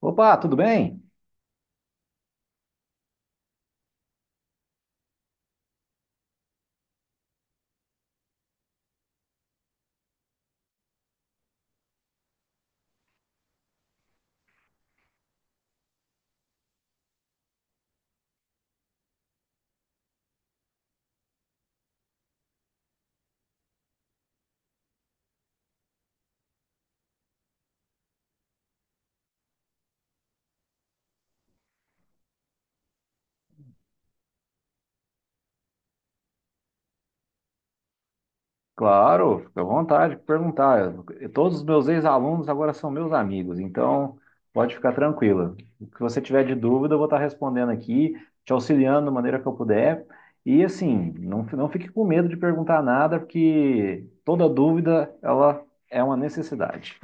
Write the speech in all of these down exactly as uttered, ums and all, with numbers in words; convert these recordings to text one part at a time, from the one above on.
Opa, tudo bem? Claro, fica à vontade de perguntar. Eu- todos os meus ex-alunos agora são meus amigos, então pode ficar tranquila. O que você tiver de dúvida, eu vou estar respondendo aqui, te auxiliando da maneira que eu puder. E assim, não, fi- não fique com medo de perguntar nada, porque toda dúvida, ela é uma necessidade.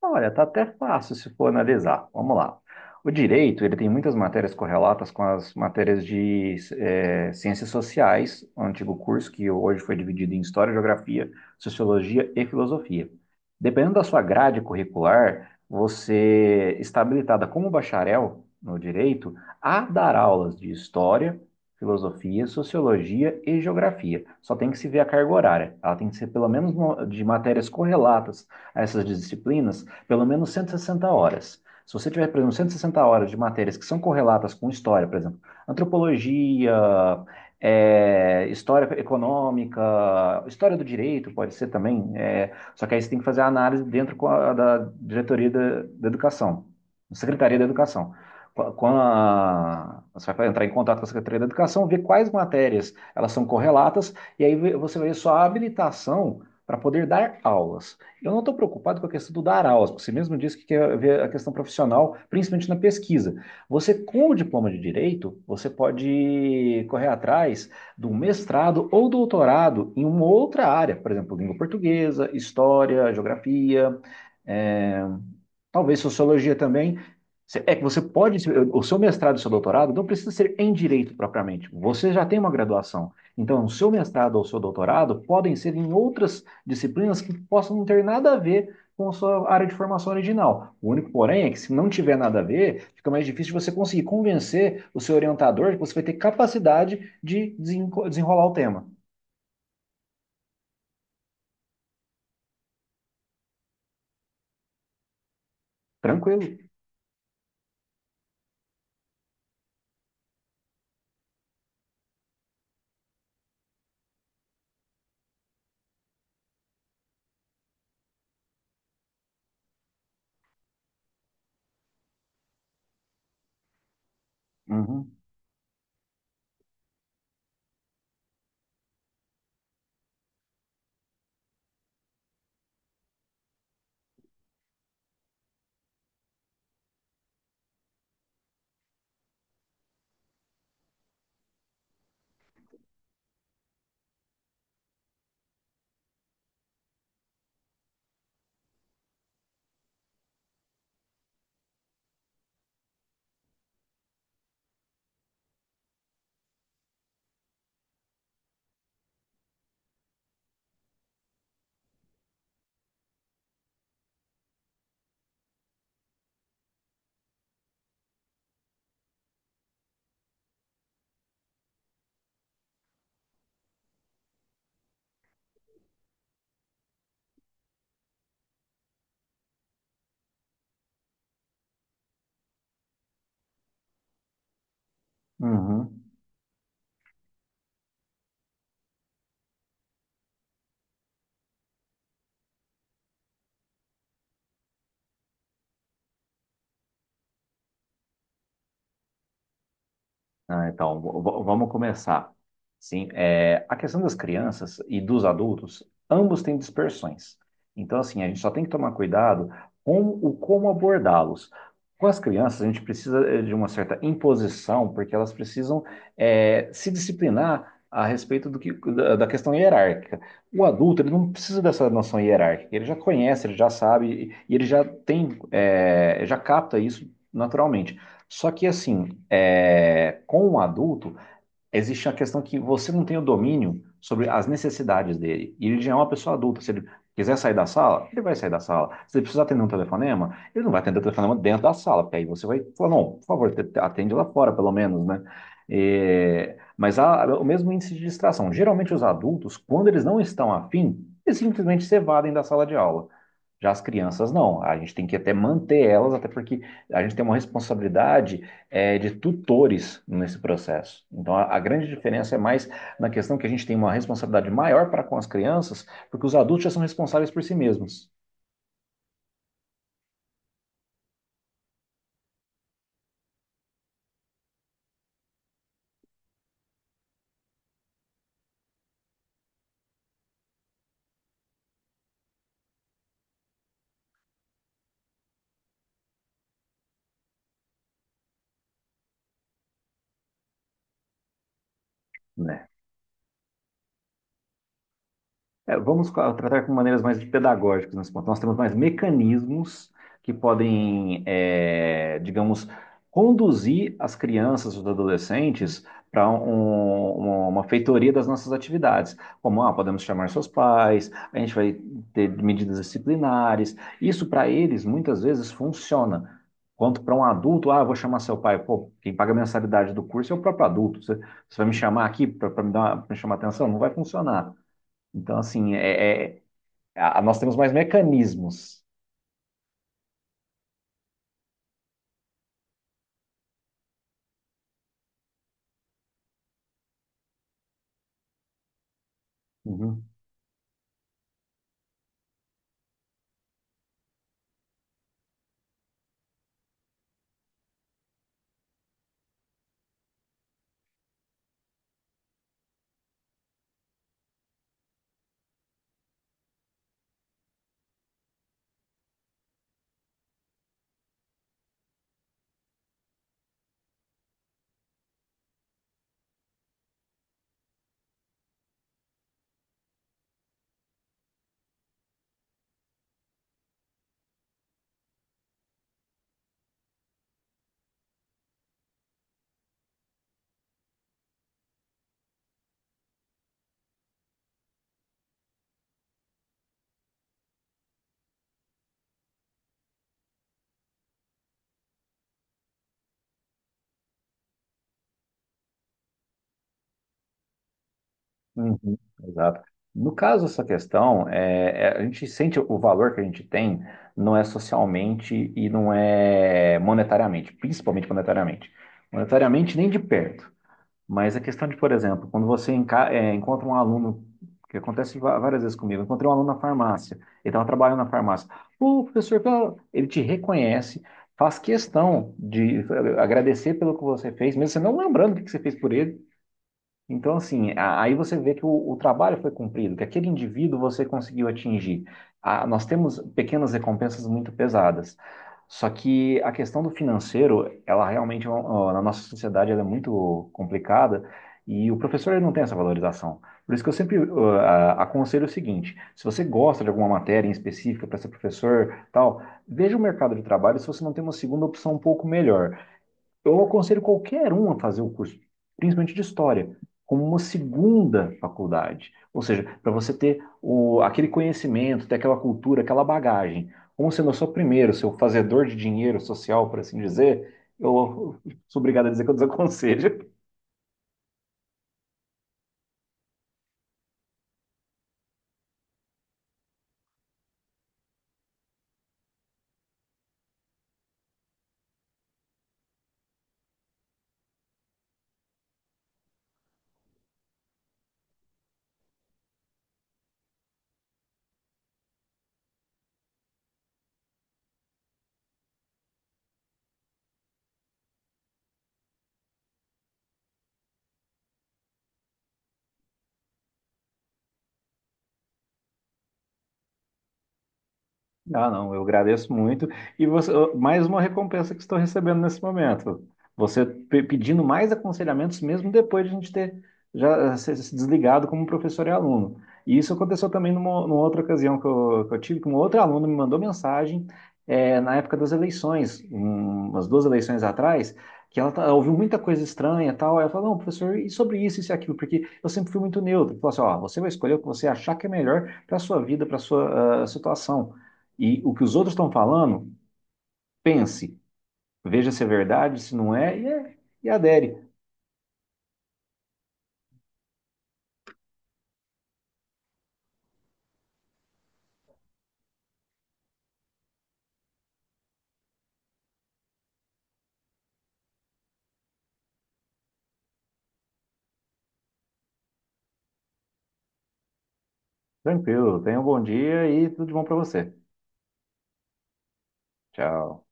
Olha, tá até fácil se for analisar. Vamos lá. O direito, ele tem muitas matérias correlatas com as matérias de eh, ciências sociais, o antigo curso que hoje foi dividido em História, Geografia, Sociologia e Filosofia. Dependendo da sua grade curricular, você está habilitada como bacharel no direito a dar aulas de História, Filosofia, Sociologia e Geografia. Só tem que se ver a carga horária. Ela tem que ser pelo menos no- de matérias correlatas a essas disciplinas pelo menos cento e sessenta horas. Se você tiver, por exemplo, cento e sessenta horas de matérias que são correlatas com história, por exemplo, antropologia, é, história econômica, história do direito, pode ser também, é, só que aí você tem que fazer a análise dentro da diretoria da, da educação, da Secretaria da Educação. Quando a- você vai entrar em contato com a Secretaria da Educação, ver quais matérias elas são correlatas, e aí você vai ver sua habilitação para poder dar aulas. Eu não estou preocupado com a questão do dar aulas, porque você mesmo disse que quer ver a questão profissional, principalmente na pesquisa. Você, com o diploma de direito, você pode correr atrás de um mestrado ou doutorado em uma outra área, por exemplo, língua portuguesa, história, geografia, é, talvez sociologia também. É que você pode, o seu mestrado e seu doutorado não precisa ser em direito propriamente. Você já tem uma graduação. Então, o seu mestrado ou o seu doutorado podem ser em outras disciplinas que possam não ter nada a ver com a sua área de formação original. O único, porém, é que se não tiver nada a ver, fica mais difícil você conseguir convencer o seu orientador que você vai ter capacidade de desenrolar o tema. Tranquilo. Uhum, uhum. Ah, então, v- v- vamos começar. Sim, é, a questão das crianças e dos adultos, ambos têm dispersões. Então, assim, a gente só tem que tomar cuidado com o como abordá-los. Com as crianças, a gente precisa eh, de uma certa imposição, porque elas precisam eh, se disciplinar a respeito do que, da, da questão hierárquica. O adulto, ele não precisa dessa noção hierárquica, ele já conhece, ele já sabe, e e ele já tem, eh, já capta isso naturalmente. Só que assim, é, com o adulto, existe a questão que você não tem o domínio sobre as necessidades dele. E ele já é uma pessoa adulta. Se ele quiser sair da sala, ele vai sair da sala. Se ele precisar atender um telefonema, ele não vai atender o telefonema dentro da sala, porque aí você vai falar, não, por favor, te- atende lá fora, pelo menos, né? É, mas há o mesmo índice de distração. Geralmente os adultos, quando eles não estão afim, eles simplesmente se evadem da sala de aula. Já as crianças não, a gente tem que até manter elas, até porque a gente tem uma responsabilidade eh, de tutores nesse processo. Então a, a grande diferença é mais na questão que a gente tem uma responsabilidade maior para com as crianças, porque os adultos já são responsáveis por si mesmos, né? É, vamos co- tratar com maneiras mais pedagógicas nesse ponto. Nós temos mais mecanismos que podem, é, digamos, conduzir as crianças, os adolescentes, para uma feitoria das nossas atividades. Como, ah, podemos chamar seus pais, a gente vai ter medidas disciplinares. Isso, para eles, muitas vezes funciona. Quanto para um adulto, ah, eu vou chamar seu pai. Pô, quem paga a mensalidade do curso é o próprio adulto. Você, você vai me chamar aqui para me dar, para me chamar atenção? Não vai funcionar. Então, assim, é, é- a- nós temos mais mecanismos. Uhum. Uhum, exato. No caso dessa questão, é, é, a gente sente o valor que a gente tem não é socialmente e não é monetariamente, principalmente monetariamente. Monetariamente, nem de perto. Mas a questão de, por exemplo, quando você enca- é, encontra um aluno, que acontece va- várias vezes comigo, eu encontrei um aluno na farmácia, ele estava trabalhando na farmácia. Pô, professor, pela- ele te reconhece, faz questão de eh, agradecer pelo que você fez, mesmo você não lembrando o que que você fez por ele, então, assim, a- aí você vê que o, o trabalho foi cumprido, que aquele indivíduo você conseguiu atingir. Ah, nós temos pequenas recompensas muito pesadas. Só que a questão do financeiro, ela realmente, é um- ó, na nossa sociedade, ela é muito complicada e o professor ele não tem essa valorização. Por isso que eu sempre ó, a- aconselho o seguinte: se você gosta de alguma matéria em específica para ser professor, tal, veja o mercado de trabalho se você não tem uma segunda opção um pouco melhor. Eu aconselho qualquer um a fazer o curso, principalmente de história, como uma segunda faculdade. Ou seja, para você ter o, aquele conhecimento, ter aquela cultura, aquela bagagem. Como sendo eu sou o primeiro, seu fazedor de dinheiro social, por assim dizer, eu sou obrigado a dizer que eu desaconselho. Ah, não, eu agradeço muito. E você, mais uma recompensa que estou recebendo nesse momento. Você pe- pedindo mais aconselhamentos, mesmo depois de a gente ter já eh, se se desligado como professor e aluno. E isso aconteceu também numa, numa outra ocasião que eu, que eu tive, que um outro aluno me mandou mensagem, eh, na época das eleições, um- umas duas eleições atrás, que ela, tá- ela ouviu muita coisa estranha e tal. Aí ela falou, não, professor, e sobre isso, isso e aquilo? Porque eu sempre fui muito neutro. Falou assim, ó, você vai escolher o que você achar que é melhor para a sua vida, para a sua ah, situação. E o que os outros estão falando, pense, veja se é verdade, se não é, e, é, e adere. Tranquilo, tenha um bom dia e tudo de bom para você. Tchau.